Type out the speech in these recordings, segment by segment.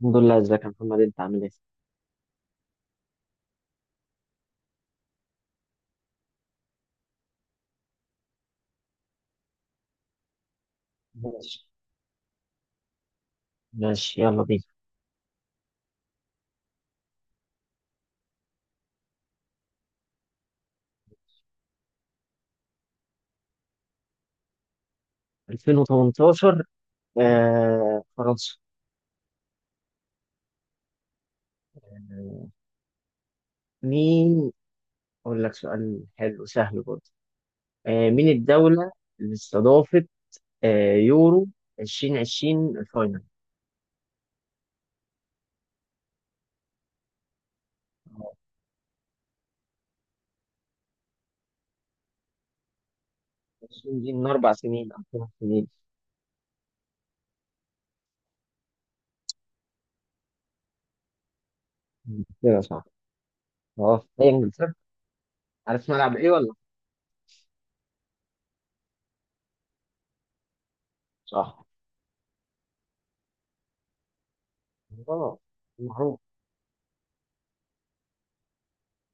الحمد لله، ازيك يا محمد، انت عامل ايه؟ ماشي. ماشي يلا بينا. 2018. فرنسا. آه، مين؟ اقول لك سؤال حلو سهل برضه. مين الدولة اللي استضافت يورو 2020 الفاينل؟ آه، 20 دي من 4 سنين او 3 سنين. كده صح. اه، هي انجلترا. عارف ملعب ايه ولا؟ صح. اه، معروف.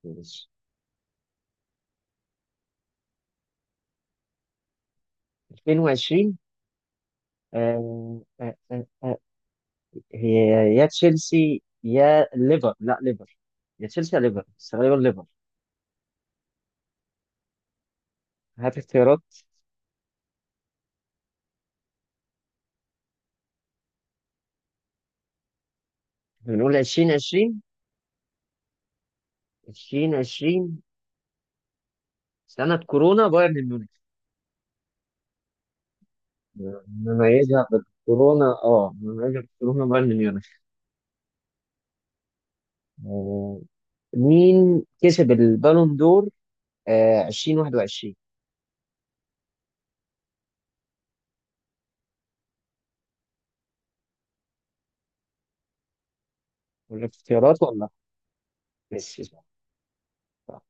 ماشي. 2020. آه آه آه آه هي يا تشيلسي يا ليفر، لا، ليفر. يا تشيلسي يا ليفر، بس غالبا ليفر. هات اختيارات. بنقول 2020. 2020 سنة كورونا، بايرن ميونخ. نميزها بالكورونا، اه نميزها بالكورونا، بايرن ميونخ. آه، مين كسب البالون دور 2021؟ ولا اختيارات ولا لأ؟ ميسي صح. صح.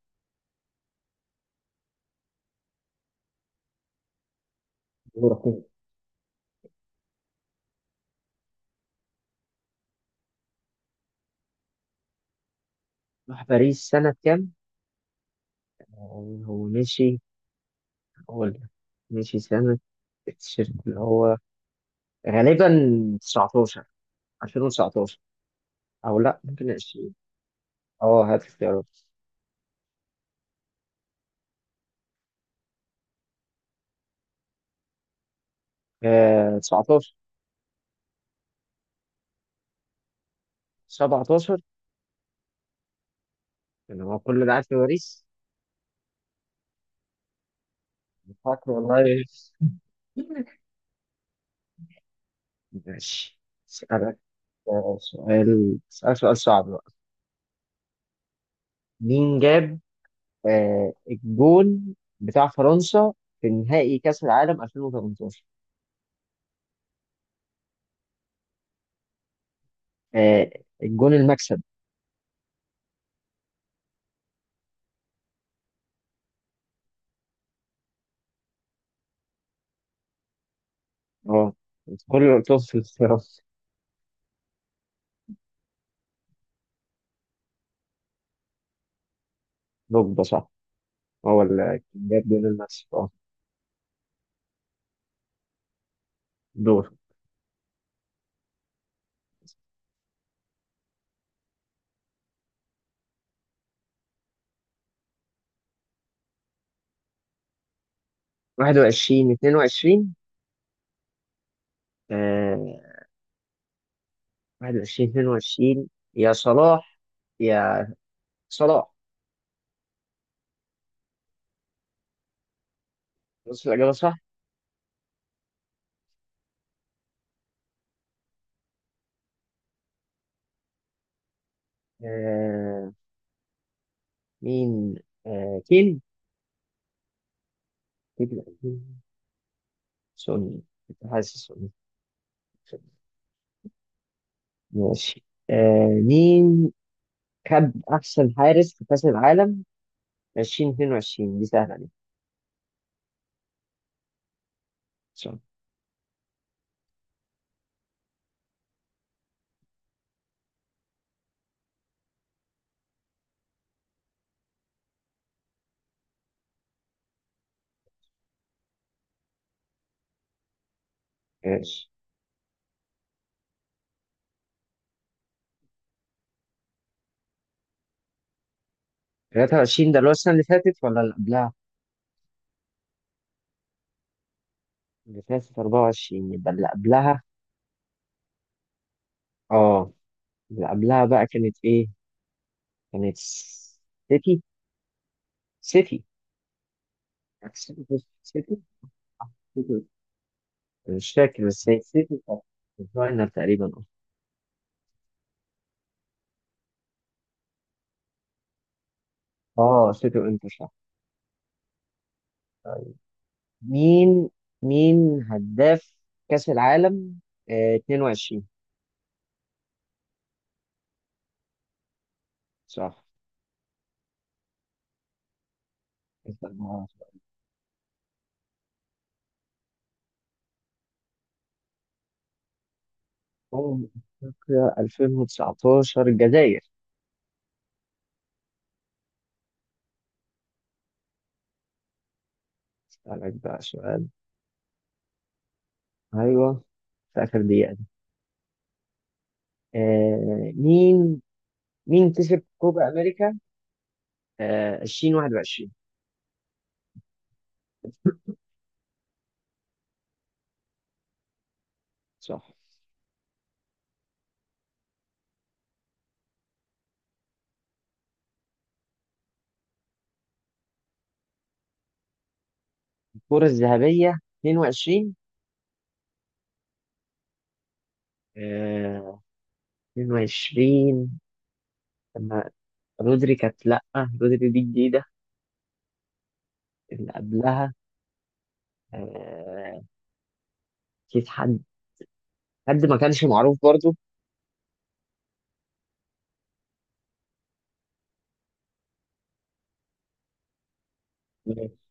دورك أنت. راح باريس سنة كام؟ هو مشي. هو سنة التيشيرت اللي هو غالبا 19، 2019، او لا ممكن 20. اه هات اختيارات. 19. 17؟ اللي هو كل ده قاعد في باريس. فاكر والله. ماشي. اسالك آه، سؤال اسالك سؤال صعب بقى. مين جاب الجون بتاع فرنسا في نهائي كأس العالم 2018؟ آه الجون المكسب. اه، كل اللي قلتهم في الاختيارات. دوك ده صح. هو اللي كان جاب جون المكسب، اه. دور. 21 22. آه 21 22. يا صلاح، يا صلاح. بص، الإجابة صح. آه مين؟ كين. كين. سوني. كنت حاسس سوني. ماشي. مين خد أحسن حارس في كأس العالم 2022؟ دي سهلة دي. صح. ماشي. 23 ده اللي هو السنة اللي فاتت ولا اللي قبلها؟ اللي فاتت 24، يبقى اللي قبلها. اه، اللي قبلها بقى كانت ايه؟ كانت سيتي. سيتي. سيتي. سيتي. سيتي، مش فاكر، بس هي سيتي صح. فاينل تقريبا. اه، سيتي وانتر صح. طيب، مين هداف كأس العالم 22؟ صح. استنى. أمم أفريقيا 2019 الجزائر. اسألك بقى سؤال. ايوه، في آخر دقيقة دي. آه مين مين كسب كوبا أمريكا 2021؟ صح. الكرة الذهبية 22. 22 لما رودري، كانت لأ. رودري دي جديدة. اللي قبلها آه، أكيد حد. حد ما كانش معروف برضو. اه،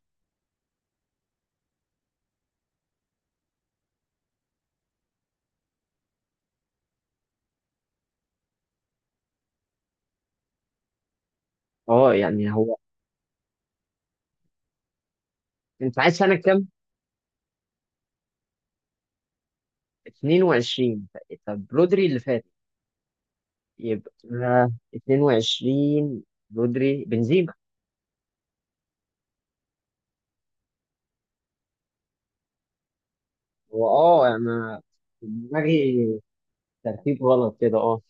يعني هو، أنت عايز سنة كام؟ 22. طب رودري اللي فات. يبقى 22، رودري بنزيما. هو اه، أنا دماغي ترتيب غلط كده، اه.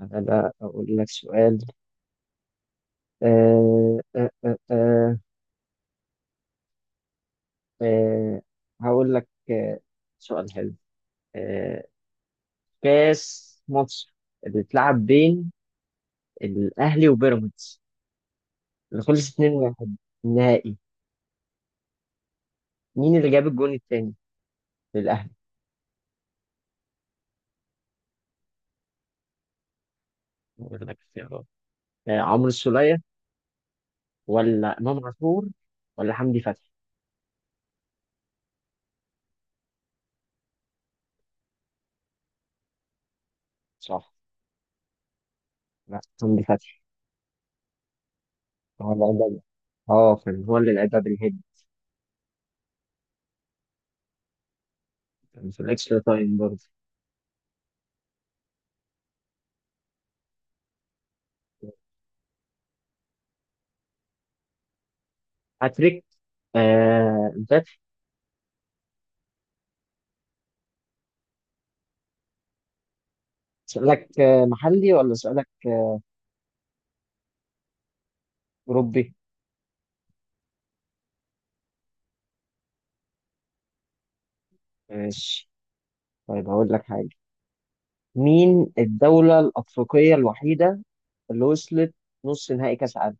أنا لا، أقول لك سؤال. أه أه أه أه. آه، هقول لك سؤال حلو. آه، كاس مصر اللي اتلعب بين الأهلي وبيراميدز، اللي خلص 2-1 النهائي، مين اللي جاب الجون التاني للأهلي؟ هقول لك اختيارات. عمرو السولية ولا إمام عاشور ولا حمدي فتحي؟ صح. لا، حمدي فتحي. هو اللي عدى، اه كان هو اللي لعبها بالهيد. كان في الاكسترا تايم برضه. هاتريك. امبابي. سؤالك محلي ولا سؤالك أوروبي؟ ماشي. طيب هقول لك حاجة. مين الدولة الأفريقية الوحيدة اللي وصلت نص نهائي كأس عالم؟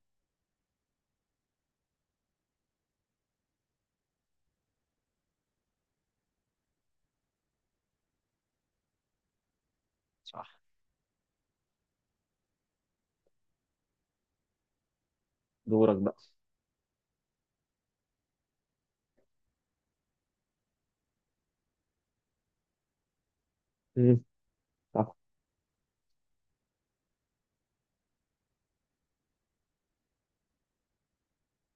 صح. دورك بقى. مم. صح.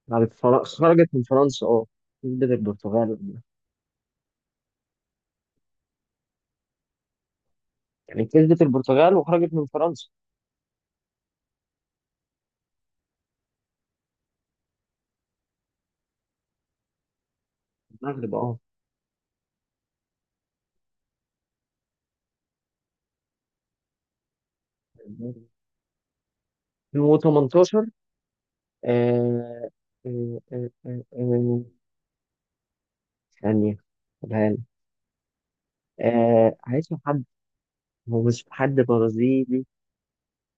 بعد خرجت من فرنسا، اه. كسبت البرتغال. يعني كسبت البرتغال وخرجت من فرنسا، المغرب، اه. 2018. آه، آه، آه، آه، آه، ثانية، قولها لي. عايز حد. هو مش حد برازيلي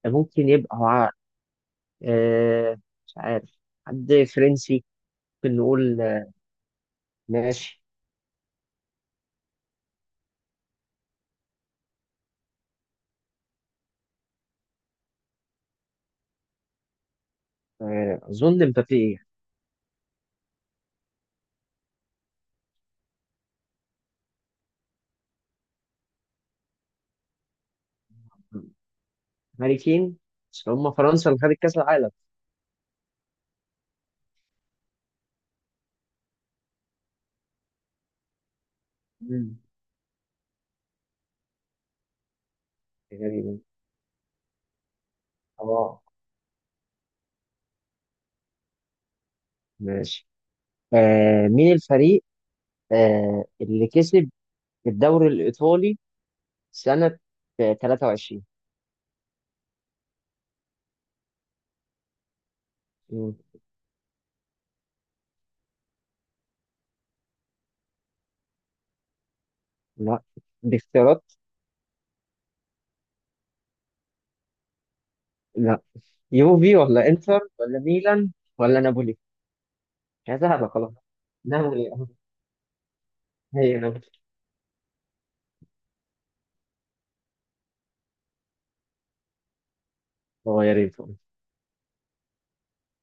ممكن يبقى؟ هو عارف. آه، مش عارف. حد فرنسي ممكن نقول. ماشي. أظن مبابي، إيه؟ هاري كين؟ بس هم فرنسا اللي خدت كأس العالم. مم. تقريبا. اه، ماشي. مين الفريق اللي كسب الدوري الإيطالي سنة 23؟ مم. لا، باختيارات. لا، يوفي ولا إنتر ولا ميلان ولا نابولي؟ هذا هذا خلاص. نابولي آه. هي نابولي. هو، يا ريت.